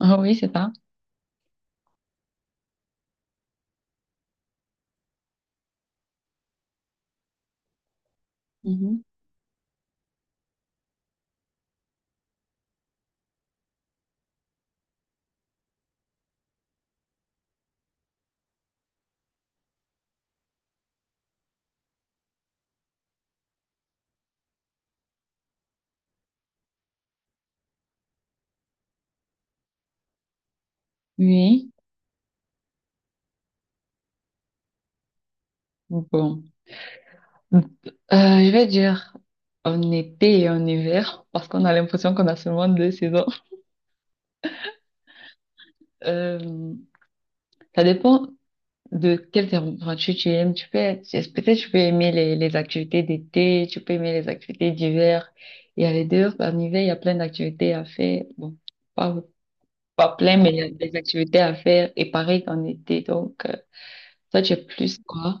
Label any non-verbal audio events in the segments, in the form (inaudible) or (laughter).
Ah oui, c'est ça. Mhm. Oui. Bon. Euh, je vais dire en été et en hiver, parce qu'on a l'impression qu'on a seulement deux saisons. Euh, ça dépend de quelle température tu aimes. Peut-être tu peux aimer les activités d'été, tu peux aimer les activités d'hiver. Il y a les deux. En hiver, il y a plein d'activités à faire. Bon, pas, pas plein, mais il y a des activités à faire. Et pareil qu'en été. Donc, ça, tu es plus quoi?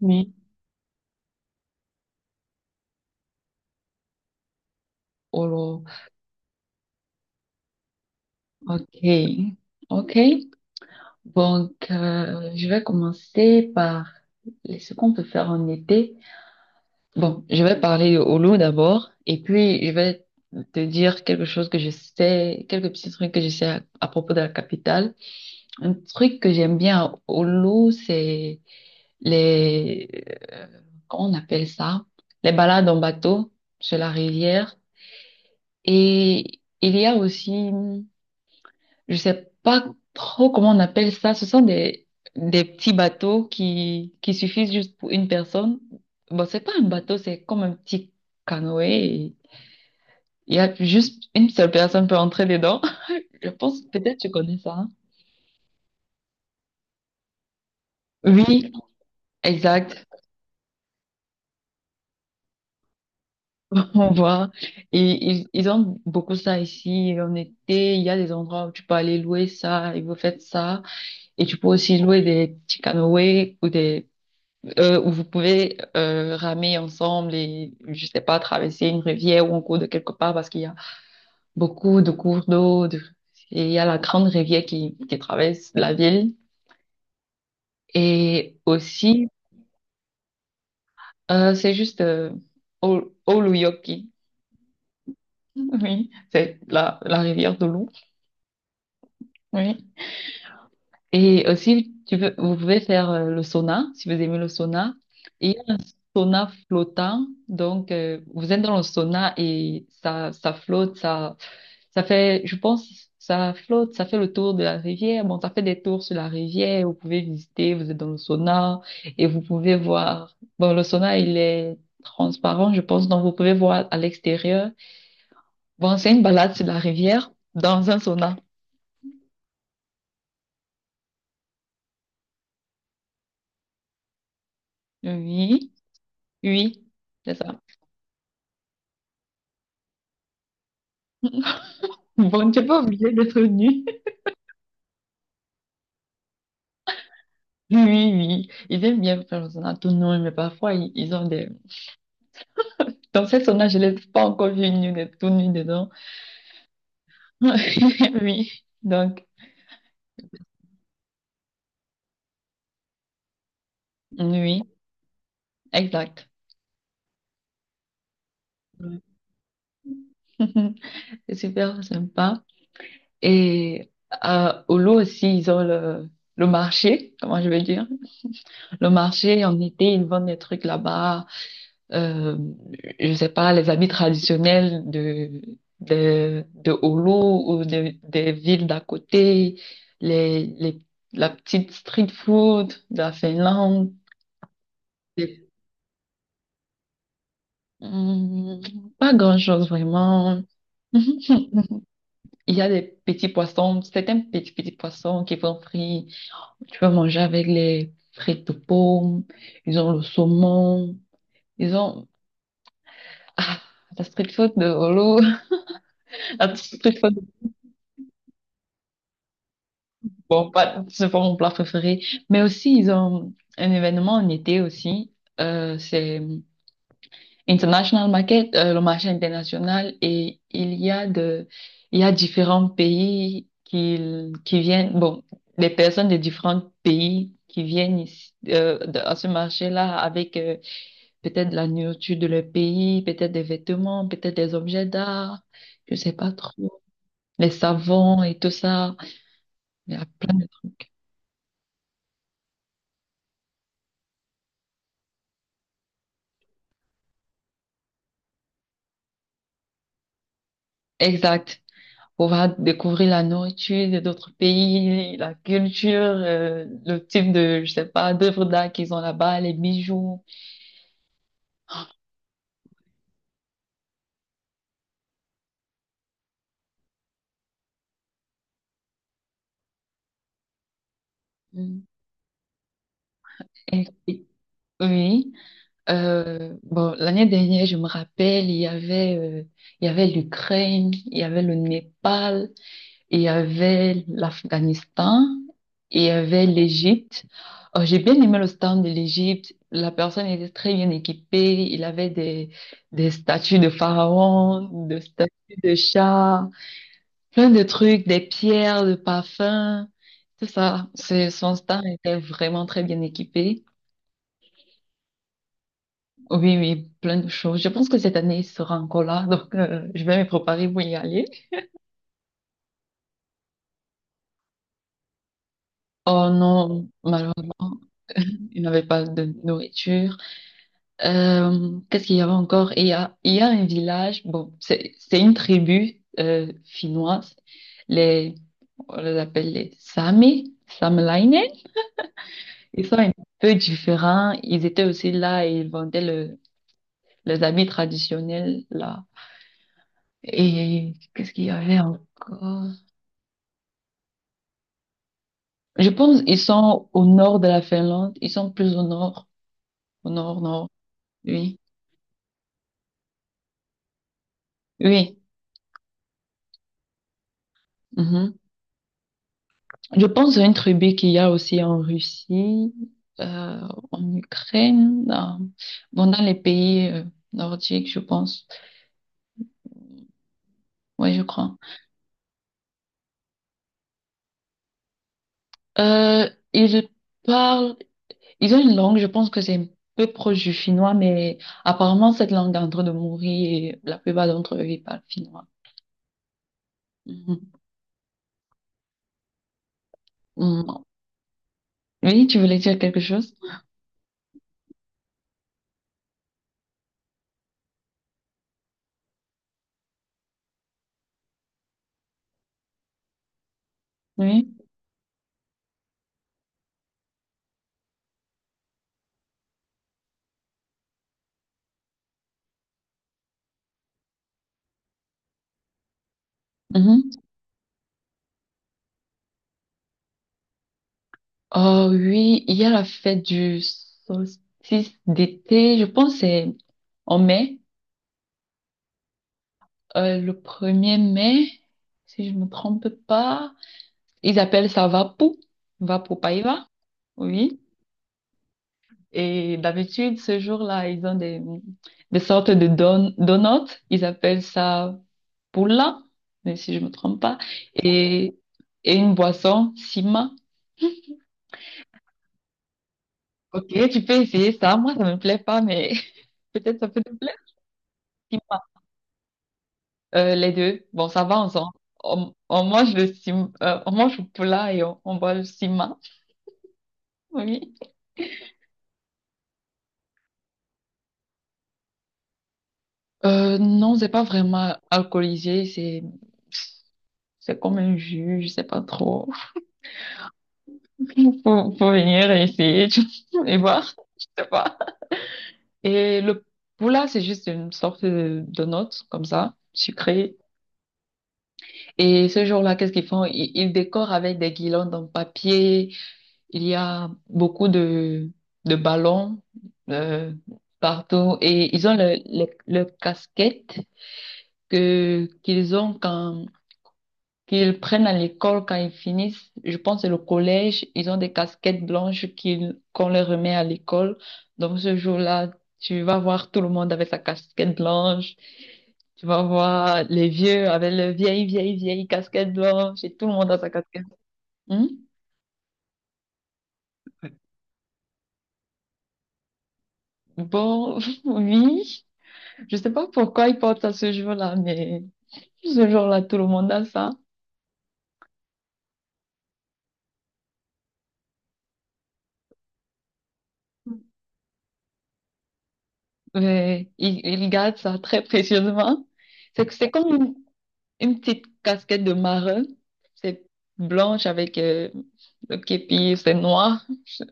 Oui. Ok, ok. Donc, je vais commencer par ce qu'on peut faire en été. Bon, je vais parler au loup d'abord, et puis je vais te dire quelque chose que je sais, quelques petits trucs que je sais à propos de la capitale. Un truc que j'aime bien à Oulu, les, euh, comment on appelle ça? Les balades en bateau sur la rivière. Et il y a aussi je sais pas trop comment on appelle ça. Ce sont des petits bateaux qui suffisent juste pour une personne. Bon, c'est pas un bateau, c'est comme un petit canoë. Et il y a juste une seule personne peut entrer dedans. (laughs) Je pense, peut-être tu connais ça, hein. Oui, exact. (laughs) On voit. Et ils ont beaucoup ça ici. En été, il y a des endroits où tu peux aller louer ça et vous faites ça. Et tu peux aussi louer des petits canoës ou des où vous pouvez ramer ensemble et, je sais pas, traverser une rivière ou un cours de quelque part parce qu'il y a beaucoup de cours d'eau. Et il y a la grande rivière qui traverse la ville. Et aussi, c'est juste Oluyoki. (laughs) Oui, c'est la rivière de l'eau. Oui. Et aussi, vous pouvez faire le sauna, si vous aimez le sauna. Et il y a un sauna flottant. Donc, vous êtes dans le sauna et ça flotte, ça fait, je pense, ça flotte, ça fait le tour de la rivière. Bon, ça fait des tours sur la rivière. Vous pouvez visiter, vous êtes dans le sauna et vous pouvez voir. Bon, le sauna, il est transparent, je pense, donc vous pouvez voir à l'extérieur. Bon, c'est une balade sur la rivière dans un sauna. Oui, oui, c'est ça. Bon, tu n'es pas obligé d'être nu. (laughs) Oui, oui, ils aiment bien faire le sauna tout nu, mais parfois, ils ont des... Dans ces saunas, je ne l'ai pas encore vu une nue, tout nu dedans. (laughs) Oui, donc... Oui, oui, exact. Ouais. (laughs) C'est super sympa. Et à Oulu aussi, ils ont le marché, comment je vais dire. Le marché, en été, ils vendent des trucs là-bas. Euh, je sais pas, les habits traditionnels de Oulu ou des villes d'à côté, les, les, la petite street food de la Finlande. C'est- Hmm, Pas grand-chose vraiment. (laughs) Il y a des petits poissons, certains petits poissons qui vont frits. Tu peux manger avec les frites de pommes. Ils ont le saumon. Ils ont ah, la street food de Holo. (laughs) La street food Bon, pas c'est pas mon plat préféré. Mais aussi ils ont un événement en été aussi. C'est International market, le marché international, et il y a différents pays qui viennent, bon, des personnes de différents pays qui viennent ici, à ce marché-là avec peut-être de la nourriture de leur pays, peut-être des vêtements, peut-être des objets d'art, je sais pas trop, les savons et tout ça. Il y a plein de trucs. Exact. Pouvoir découvrir la nourriture de d'autres pays, la culture, le type de, je sais pas, d'œuvres d'art qu'ils ont là-bas, les bijoux. Mm. Et- et- oui. Bon, l'année dernière, je me rappelle, il y avait l'Ukraine, il y avait le Népal. Il y avait l'Afghanistan, il y avait l'Égypte. Oh, j'ai bien aimé le stand de l'Égypte. La personne était très bien équipée. Il avait des statues de pharaons, de statues de chats, plein de trucs, des pierres, de parfums. Tout ça. Son stand était vraiment très bien équipé. Oui, oui, plein de choses. Je pense que cette année, il sera encore là. Donc, je vais me préparer pour y aller. Oh non, malheureusement, il n'avait pas de nourriture. Qu'est-ce qu'il y avait encore? Il y a un village, bon, c'est une tribu finnoise, les, on les appelle les Sami, Saamelainen. Ils sont un peu différents, ils étaient aussi là et ils vendaient les habits traditionnels là. Et qu'est-ce qu'il y avait encore? Je pense qu'ils sont au nord de la Finlande, ils sont plus au nord, nord, oui, oui. Mhm. Je pense à une tribu qu'il y a aussi en Russie, euh, en Ukraine, bon, dans les pays nordiques, je pense. Oui, je crois. Euh, ils parlent, Ils ont une langue, je pense que c'est un peu proche du finnois, mais apparemment cette langue est en train de mourir et la plupart d'entre eux, ils parlent finnois. Mhm. Mhm. Oui, tu voulais dire quelque chose? Oui. Mhm. Oh oui, il y a la fête du solstice d'été, je pense que c'est en mai. Le premier mai, si je me trompe pas. Ils appellent ça Vapu, Vapu Paiva, oui. Et d'habitude, ce jour-là, ils ont des sortes de donuts. Ils appellent ça Pula, mais si je me trompe pas. Et, et une boisson, Sima. Ok, tu peux essayer ça. Moi, ça me plaît pas, mais (laughs) peut-être ça peut te plaire. Sima. Les deux. Bon, ça va ensemble. On mange le sima, on mange le plat et on boit le sima. Oui. Non, c'est pas vraiment alcoolisé, c'est comme un jus, je sais pas trop. (laughs) Faut venir essayer tu (laughs) vois, et voir, je sais pas. Et le poula, c'est juste une sorte de note comme ça, sucrée. Et ce jour-là, qu'est-ce qu'ils font? Ils décorent avec des guirlandes en papier. Il y a beaucoup de ballons euh, partout et ils ont le casquette que qu'ils ont quand qu'ils prennent à l'école quand ils finissent. Je pense que le collège, ils ont des casquettes blanches qu'on leur remet à l'école. Donc ce jour-là, tu vas voir tout le monde avec sa casquette blanche. Tu vas voir les vieux avec le vieille, vieille, vieille casquette blanche et tout le monde a sa casquette. Hmm? Bon, (laughs) oui. Je sais pas pourquoi ils portent ça ce jour-là, mais ce jour-là, tout le monde a ça. Mais ils gardent ça très précieusement. C'est, que c'est comme une petite casquette de marin. C'est blanche avec le képi, c'est noir.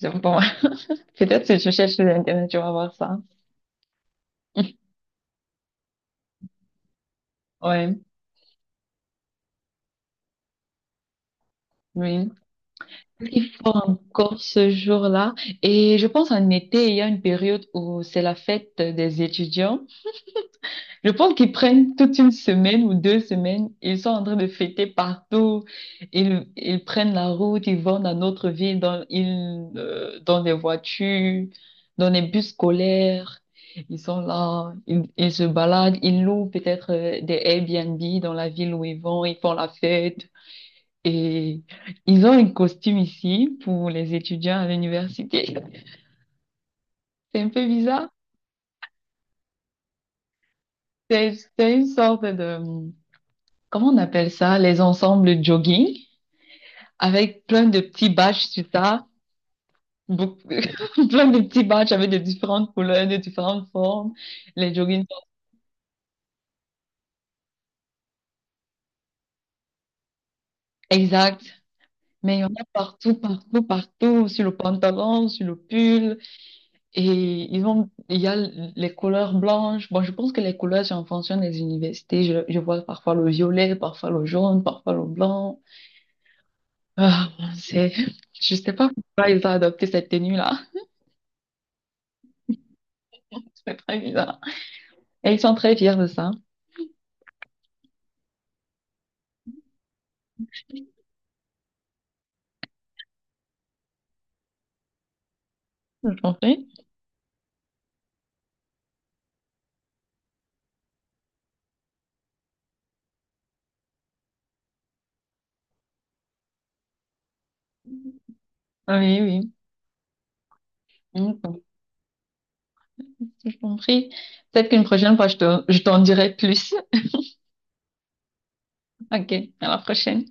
J'aime pas. (laughs) Peut-être si tu cherches sur Internet, tu vas voir ça. Ouais, oui. Il faut encore ce jour-là. Et je pense en été, il y a une période où c'est la fête des étudiants. Je pense qu'ils prennent toute une semaine ou 2 semaines, ils sont en train de fêter partout, ils prennent la route, ils vont dans notre ville, dans des voitures, dans des bus scolaires, ils sont là, ils se baladent, ils louent peut-être des Airbnb dans la ville où ils vont, ils font la fête et ils ont un costume ici pour les étudiants à l'université. (laughs) C'est un peu bizarre, c'est c'est une sorte de, comment on appelle ça, les ensembles jogging, avec plein de petits badges sur ça, beaucoup- (laughs) plein de petits badges avec de différentes couleurs, de différentes formes, les jogging. Exact. Mais il y en a partout, partout, partout, sur le pantalon, sur le pull. Et il y a les couleurs blanches. Bon, je pense que les couleurs, c'est en fonction des universités. Je vois parfois le violet, parfois le jaune, parfois le blanc. Ah, bon, je sais pas pourquoi ils ont adopté cette tenue-là. (laughs) C'est très bizarre. Et ils sont très fiers de ça, je comprends. Oui, oui. J'ai compris. Peut-être qu'une prochaine fois, je t'en dirai plus. Ok, à la prochaine.